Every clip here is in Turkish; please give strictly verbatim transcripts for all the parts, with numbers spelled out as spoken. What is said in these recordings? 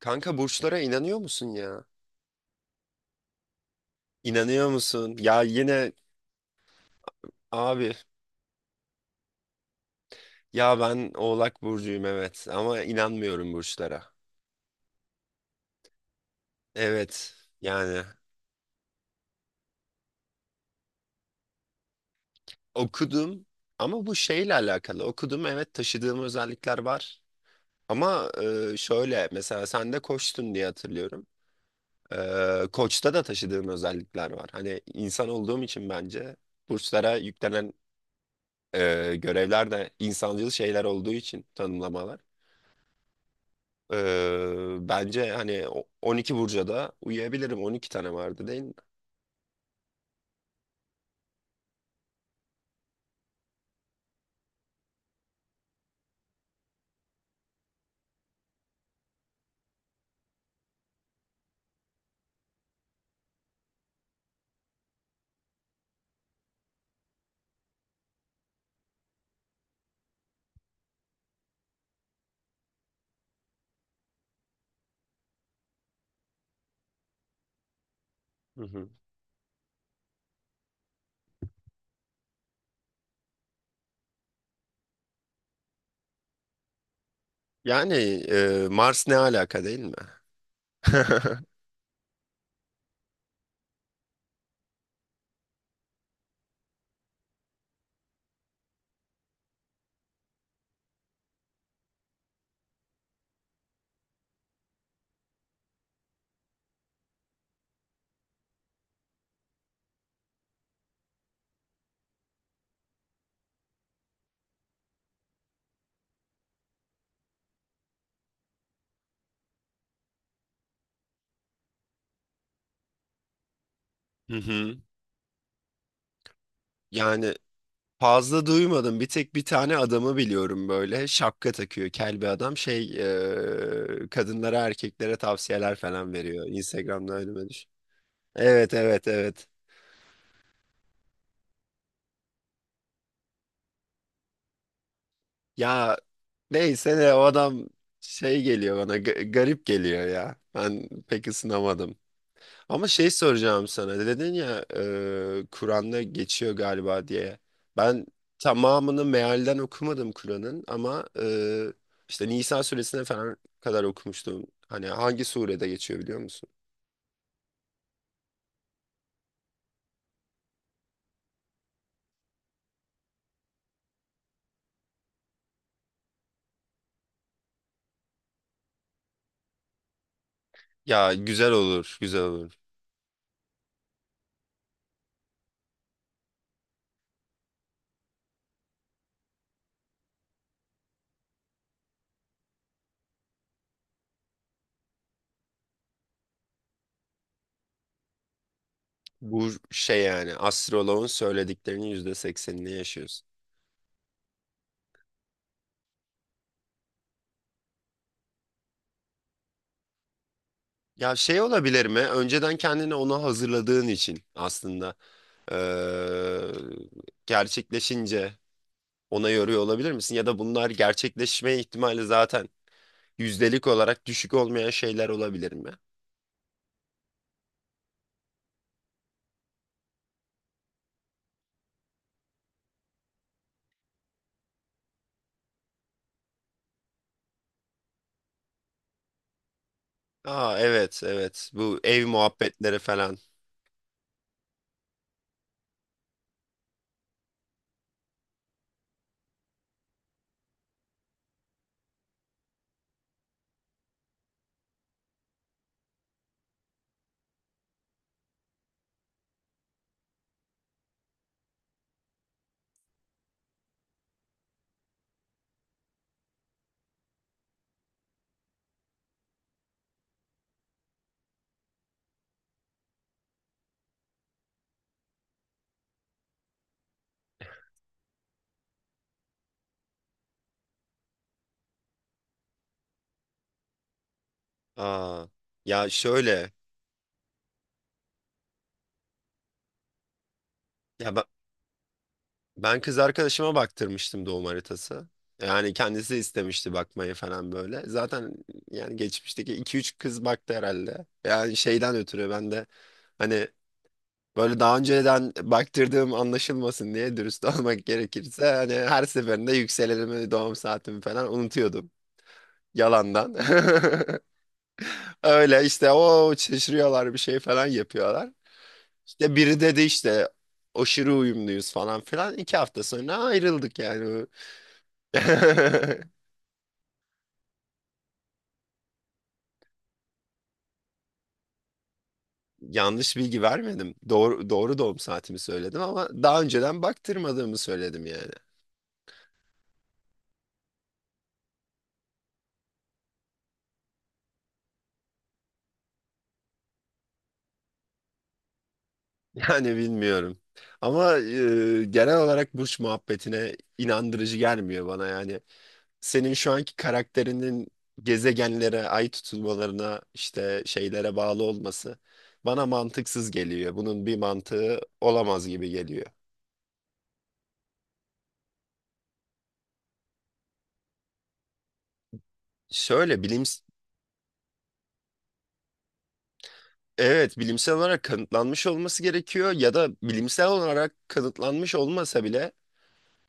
Kanka burçlara inanıyor musun ya? İnanıyor musun? Ya yine abi, ya ben Oğlak burcuyum, evet, ama inanmıyorum burçlara. Evet, yani okudum, ama bu şeyle alakalı okudum, evet, taşıdığım özellikler var. Ama e, şöyle mesela sen de koçtun diye hatırlıyorum. E, koçta da taşıdığım özellikler var. Hani insan olduğum için bence burçlara yüklenen e, görevler de insancıl şeyler olduğu için tanımlamalar. Ee, bence hani o- on iki burca da uyuyabilirim. on iki tane vardı değil mi? Hı hı. Yani e, Mars ne alaka değil mi? Hı hı. Yani fazla duymadım. Bir tek bir tane adamı biliyorum, böyle şapka takıyor. Kel bir adam, şey, e, kadınlara, erkeklere tavsiyeler falan veriyor. Instagram'da önüme düş. Evet, evet, evet. Ya neyse, de o adam şey geliyor bana, ga- garip geliyor ya. Ben pek ısınamadım. Ama şey, soracağım sana. Dedin ya e, Kur'an'da geçiyor galiba diye. Ben tamamını mealden okumadım Kur'an'ın, ama e, işte Nisa suresine falan kadar okumuştum. Hani hangi surede geçiyor biliyor musun? Ya güzel olur, güzel olur. Bu şey, yani astroloğun söylediklerinin yüzde seksenini yaşıyorsun. Ya şey olabilir mi? Önceden kendini ona hazırladığın için aslında e, gerçekleşince ona yoruyor olabilir misin? Ya da bunlar gerçekleşme ihtimali zaten yüzdelik olarak düşük olmayan şeyler olabilir mi? Aa, evet, evet, bu ev muhabbetleri falan. Aa, ya şöyle, ya ben, ben kız arkadaşıma baktırmıştım doğum haritası. Yani kendisi istemişti bakmayı falan, böyle. Zaten yani geçmişteki iki üç kız baktı herhalde. Yani şeyden ötürü ben de hani Böyle daha önceden baktırdığım anlaşılmasın diye, dürüst olmak gerekirse, hani her seferinde yükselenimi, doğum saatimi falan unutuyordum. Yalandan. Öyle işte, o şaşırıyorlar, bir şey falan yapıyorlar. İşte biri dedi işte, aşırı uyumluyuz falan filan. İki hafta sonra ayrıldık yani. Yanlış bilgi vermedim. Doğru, doğru doğum saatimi söyledim, ama daha önceden baktırmadığımı söyledim yani. Yani bilmiyorum. Ama e, genel olarak burç muhabbetine inandırıcı gelmiyor bana yani. Senin şu anki karakterinin gezegenlere, ay tutulmalarına, işte şeylere bağlı olması bana mantıksız geliyor. Bunun bir mantığı olamaz gibi geliyor. Şöyle, bilim, evet, bilimsel olarak kanıtlanmış olması gerekiyor, ya da bilimsel olarak kanıtlanmış olmasa bile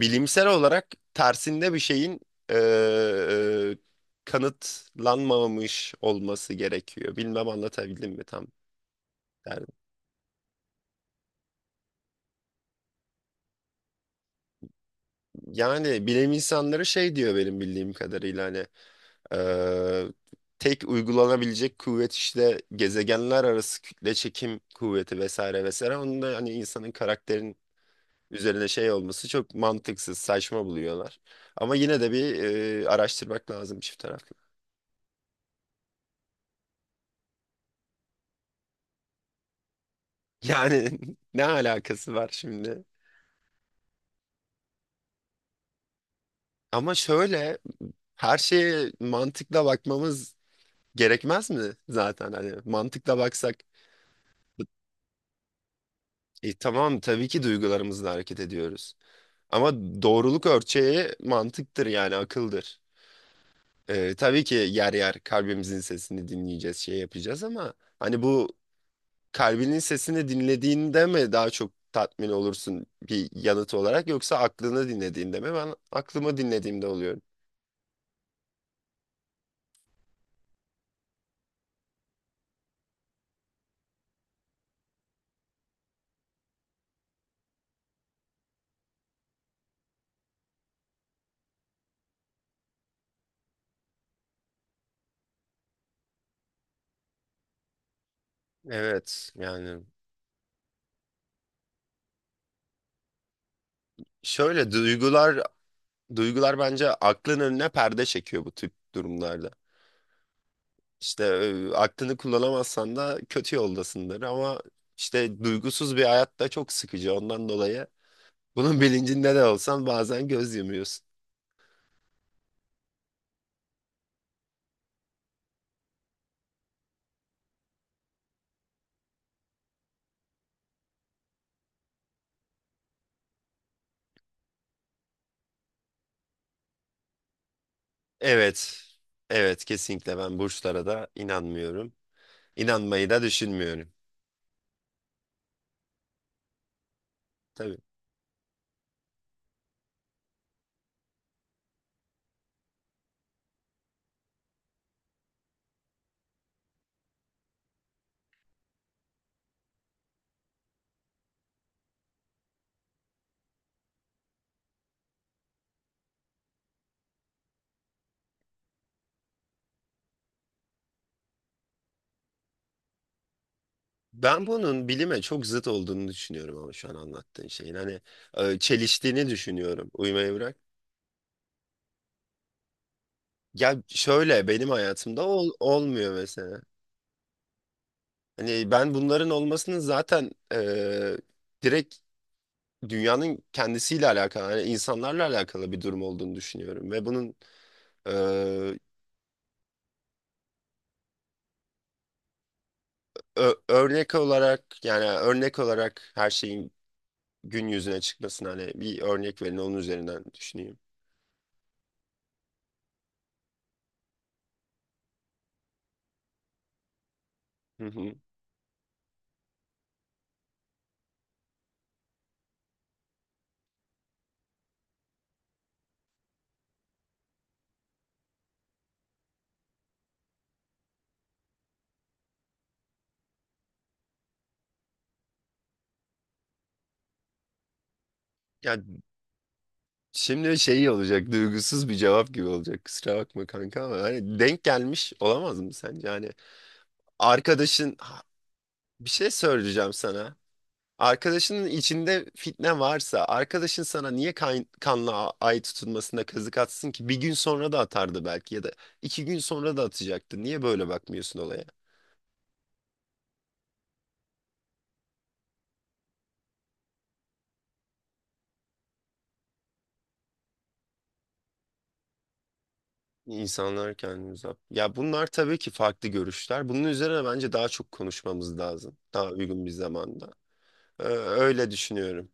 Bilimsel olarak tersinde bir şeyin eee, kanıtlanmamış olması gerekiyor. Bilmem anlatabildim mi tam? Yani, yani, bilim insanları şey diyor benim bildiğim kadarıyla, hani eee, tek uygulanabilecek kuvvet işte gezegenler arası kütle çekim kuvveti, vesaire vesaire. Onun da hani insanın karakterin üzerine şey olması çok mantıksız, saçma buluyorlar. Ama yine de bir eee, araştırmak lazım, çift taraflı. Yani ne alakası var şimdi? Ama şöyle, her şeye mantıkla bakmamız gerekmez mi zaten, hani mantıkla baksak e, tamam, tabii ki duygularımızla hareket ediyoruz, ama doğruluk ölçeği mantıktır, yani akıldır. E, tabii ki yer yer kalbimizin sesini dinleyeceğiz, şey yapacağız, ama hani bu, kalbinin sesini dinlediğinde mi daha çok tatmin olursun bir yanıt olarak, yoksa aklını dinlediğinde mi? Ben aklımı dinlediğimde oluyorum. Evet, yani Şöyle duygular Duygular bence aklın önüne perde çekiyor bu tip durumlarda. İşte e, aklını kullanamazsan da kötü yoldasındır, ama işte duygusuz bir hayat da çok sıkıcı. Ondan dolayı bunun bilincinde de olsan bazen göz yumuyorsun. Evet, evet, kesinlikle ben burçlara da inanmıyorum. İnanmayı da düşünmüyorum. Tabii. Ben bunun bilime çok zıt olduğunu düşünüyorum, ama şu an anlattığın şeyin. Hani e, çeliştiğini düşünüyorum. Uyumayı bırak. Ya şöyle, benim hayatımda ol- olmuyor mesela. Hani ben bunların olmasının zaten eee, direkt dünyanın kendisiyle alakalı, hani insanlarla alakalı bir durum olduğunu düşünüyorum, ve bunun eee, ö- örnek olarak, yani örnek olarak her şeyin gün yüzüne çıkmasına, hani bir örnek verin, onun üzerinden düşüneyim. Hı hı. Ya şimdi şey olacak, duygusuz bir cevap gibi olacak, kusura bakma kanka, ama hani denk gelmiş olamaz mı sence? Hani arkadaşın Ha, bir şey söyleyeceğim sana. Arkadaşının içinde fitne varsa arkadaşın sana niye kan- kanla a- ay tutulmasına kazık atsın ki? Bir gün sonra da atardı belki, ya da iki gün sonra da atacaktı. Niye böyle bakmıyorsun olaya? İnsanlar kendini uzak. Ya bunlar tabii ki farklı görüşler. Bunun üzerine bence daha çok konuşmamız lazım. Daha uygun bir zamanda. Ee, öyle düşünüyorum.